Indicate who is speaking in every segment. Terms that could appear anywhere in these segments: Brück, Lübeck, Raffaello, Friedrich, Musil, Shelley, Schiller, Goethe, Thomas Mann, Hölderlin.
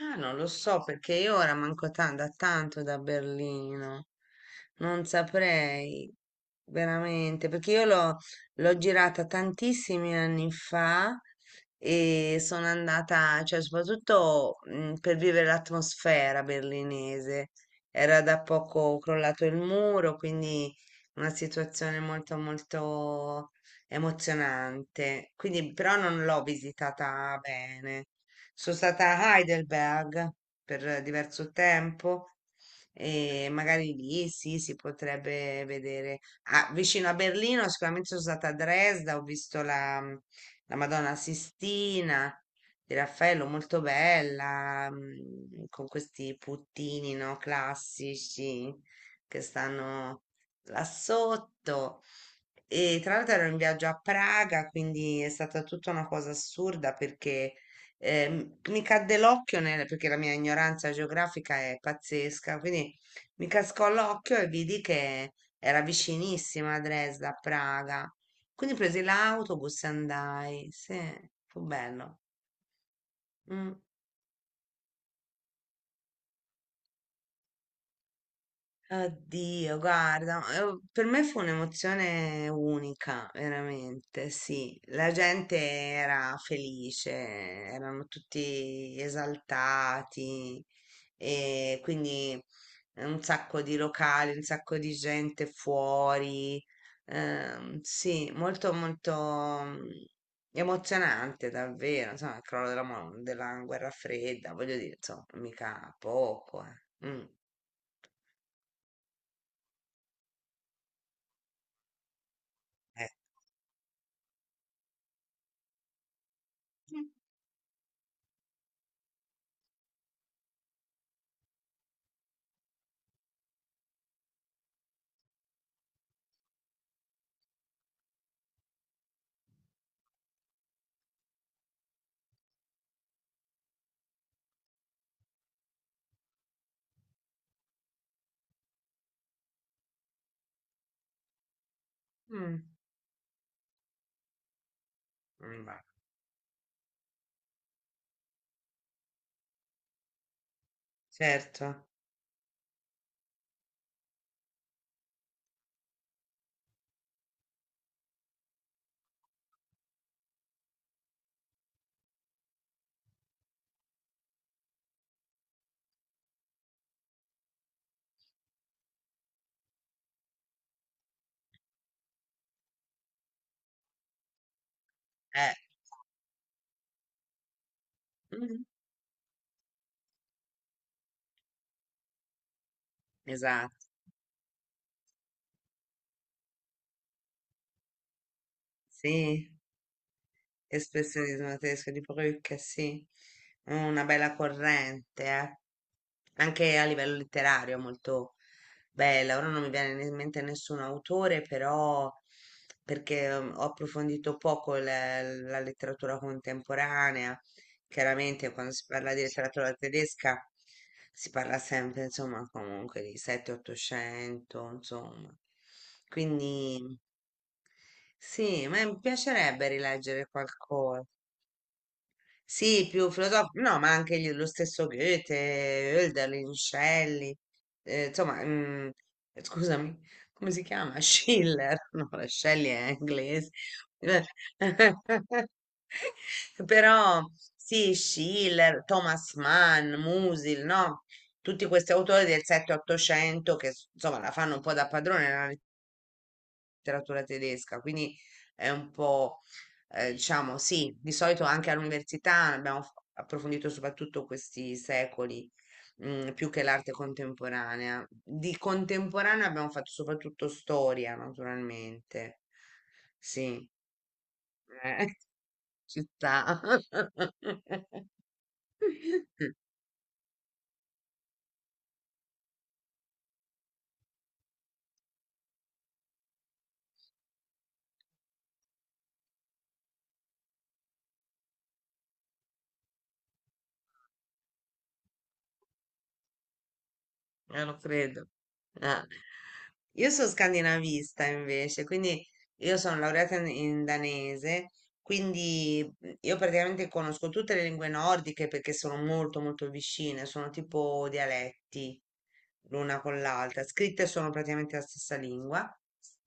Speaker 1: Ah, non lo so perché io ora da tanto da Berlino. Non saprei veramente, perché io l'ho girata tantissimi anni fa e sono andata, cioè soprattutto per vivere l'atmosfera berlinese. Era da poco crollato il muro, quindi una situazione molto molto emozionante. Quindi però non l'ho visitata bene. Sono stata a Heidelberg per diverso tempo e magari lì sì, si potrebbe vedere. Ah, vicino a Berlino sicuramente sono stata a Dresda, ho visto la Madonna Sistina di Raffaello, molto bella, con questi puttini, no, classici che stanno là sotto. E tra l'altro ero in viaggio a Praga, quindi è stata tutta una cosa assurda perché mi cadde l'occhio, perché la mia ignoranza geografica è pazzesca, quindi mi cascò l'occhio e vidi che era vicinissima a Dresda, a Praga. Quindi presi l'autobus e andai. Sì, fu bello. Mm. Addio, guarda, per me fu un'emozione unica, veramente, sì. La gente era felice, erano tutti esaltati e quindi un sacco di locali, un sacco di gente fuori. Sì, molto molto mm, emozionante davvero, insomma, il crollo della guerra fredda, voglio dire, insomma, mica poco, eh. Mm, eh. Mh, va certo, eh, mh-mh, esatto, sì, espressionismo tedesco di Brück, sì, una bella corrente, eh. Anche a livello letterario è molto bella. Ora non mi viene in mente nessun autore, però perché ho approfondito poco la letteratura contemporanea. Chiaramente quando si parla di letteratura tedesca si parla sempre, insomma, comunque di 7-800, insomma. Quindi sì, ma mi piacerebbe rileggere qualcosa. Sì, più filosofico, no, ma anche lo stesso Goethe, Hölderlin, Shelley, insomma, scusami, come si chiama? Schiller, no, la Shelley è inglese. Eh, però sì, Schiller, Thomas Mann, Musil, no? Tutti questi autori del 7-800 insomma la fanno un po' da padrone, nella letteratura tedesca, quindi è un po', diciamo, sì, di solito anche all'università abbiamo approfondito soprattutto questi secoli, più che l'arte contemporanea. Di contemporanea abbiamo fatto soprattutto storia, naturalmente. Sì, eh, ci sta. Lo credo. Eh. Io sono scandinavista invece, quindi io sono laureata in danese, quindi mhmm, io praticamente conosco tutte le lingue nordiche perché sono molto molto vicine, sono tipo dialetti l'una con l'altra, scritte sono praticamente la stessa lingua,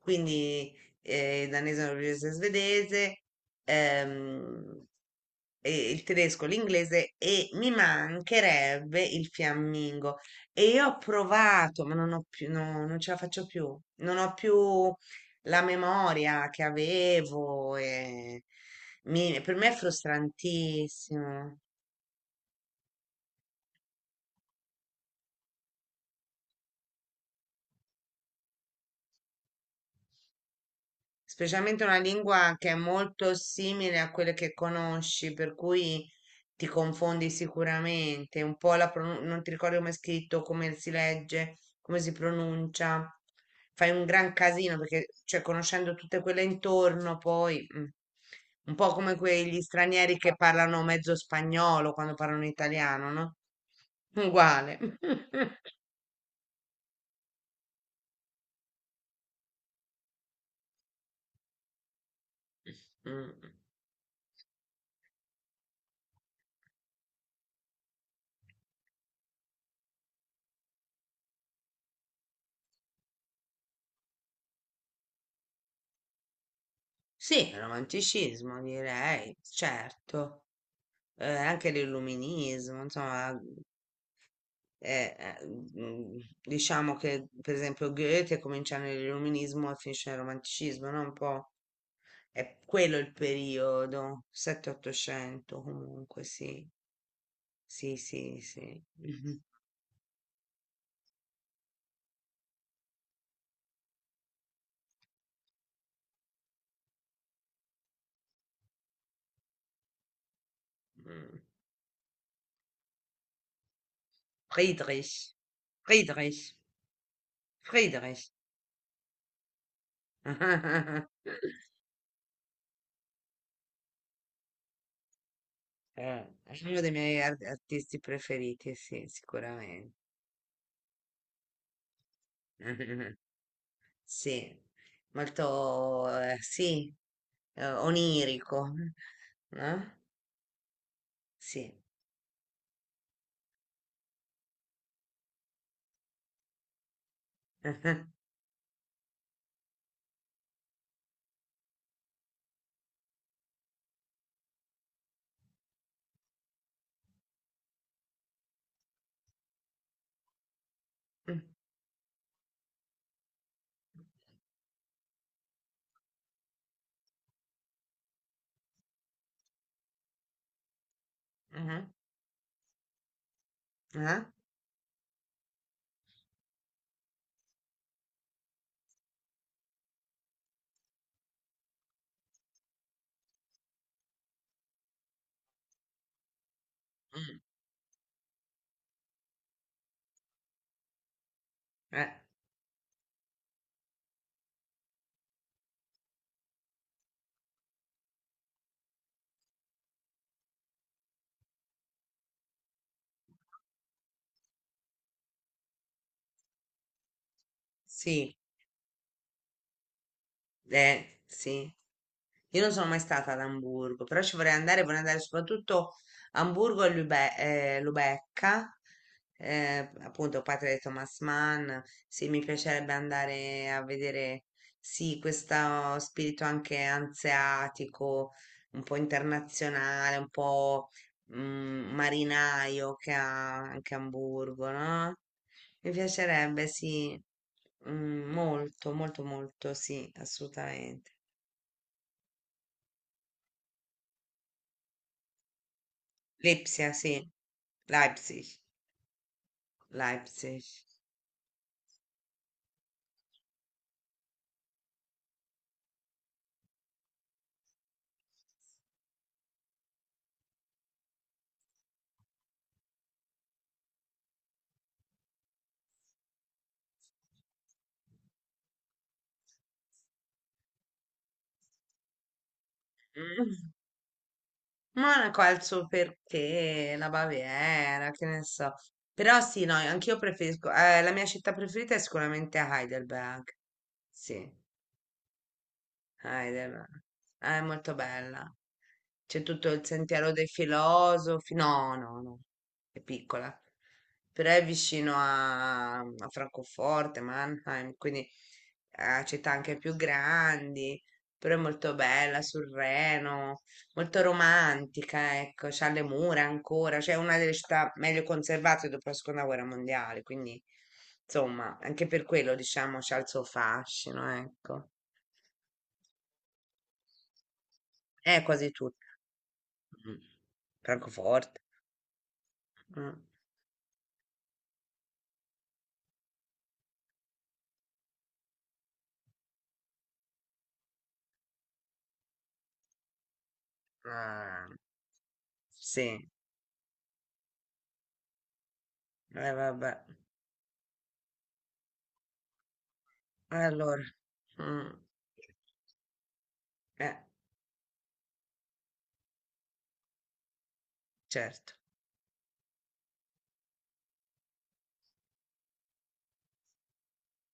Speaker 1: quindi danese, norvegese, svedese, ehm, e il tedesco, l'inglese e mi mancherebbe il fiammingo. E io ho provato, ma non ho più, no, non ce la faccio più. Non ho più la memoria che avevo. E per me è frustrantissimo. Specialmente una lingua che è molto simile a quelle che conosci, per cui ti confondi sicuramente, un po' la non ti ricordi come è scritto, come si legge, come si pronuncia. Fai un gran casino perché, cioè, conoscendo tutte quelle intorno, poi un po' come quegli stranieri che parlano mezzo spagnolo quando parlano italiano, no? Uguale. Mm. Sì, romanticismo direi, certo. Eh, anche l'illuminismo, insomma, eh, eh, diciamo che per esempio Goethe comincia nell'illuminismo e finisce nel romanticismo, no? Un po' è quello il periodo, 7-800 comunque, sì, sì, sì, sì. Mhm. Mm. Friedrich, Friedrich, Friedrich. È uno dei miei artisti preferiti, sì, sicuramente. Sì, molto, sì, onirico, no? Sì. Mhm, mhm, mhm, mm, eh, sì, sì. Io non sono mai stata ad Amburgo, però ci vorrei andare soprattutto a Amburgo e Lubecca, appunto patria di Thomas Mann. Sì, mi piacerebbe andare a vedere, sì, questo spirito anche anseatico, un po' internazionale, un po' marinaio che ha anche Amburgo, no? Mi piacerebbe, sì, mm, molto, molto, molto, sì, assolutamente. Lipsia, sì. Leipzig, Leipzig. Mm. Monaco ha il suo perché, la Baviera, che ne so. Però sì, no, anch'io preferisco, la mia città preferita è sicuramente Heidelberg. Sì, Heidelberg. Ah, è molto bella. C'è tutto il sentiero dei filosofi. No, no, no, è piccola. Però è vicino a, a Francoforte, Mannheim, quindi a città anche più grandi. Però è molto bella sul Reno, molto romantica, ecco, c'ha le mura ancora, cioè è una delle città meglio conservate dopo la seconda guerra mondiale, quindi insomma, anche per quello diciamo c'ha il suo fascino, ecco. È quasi tutta. Mm. Francoforte. Mm. Ah, sì, vabbè. Allora, mm, eh, certo.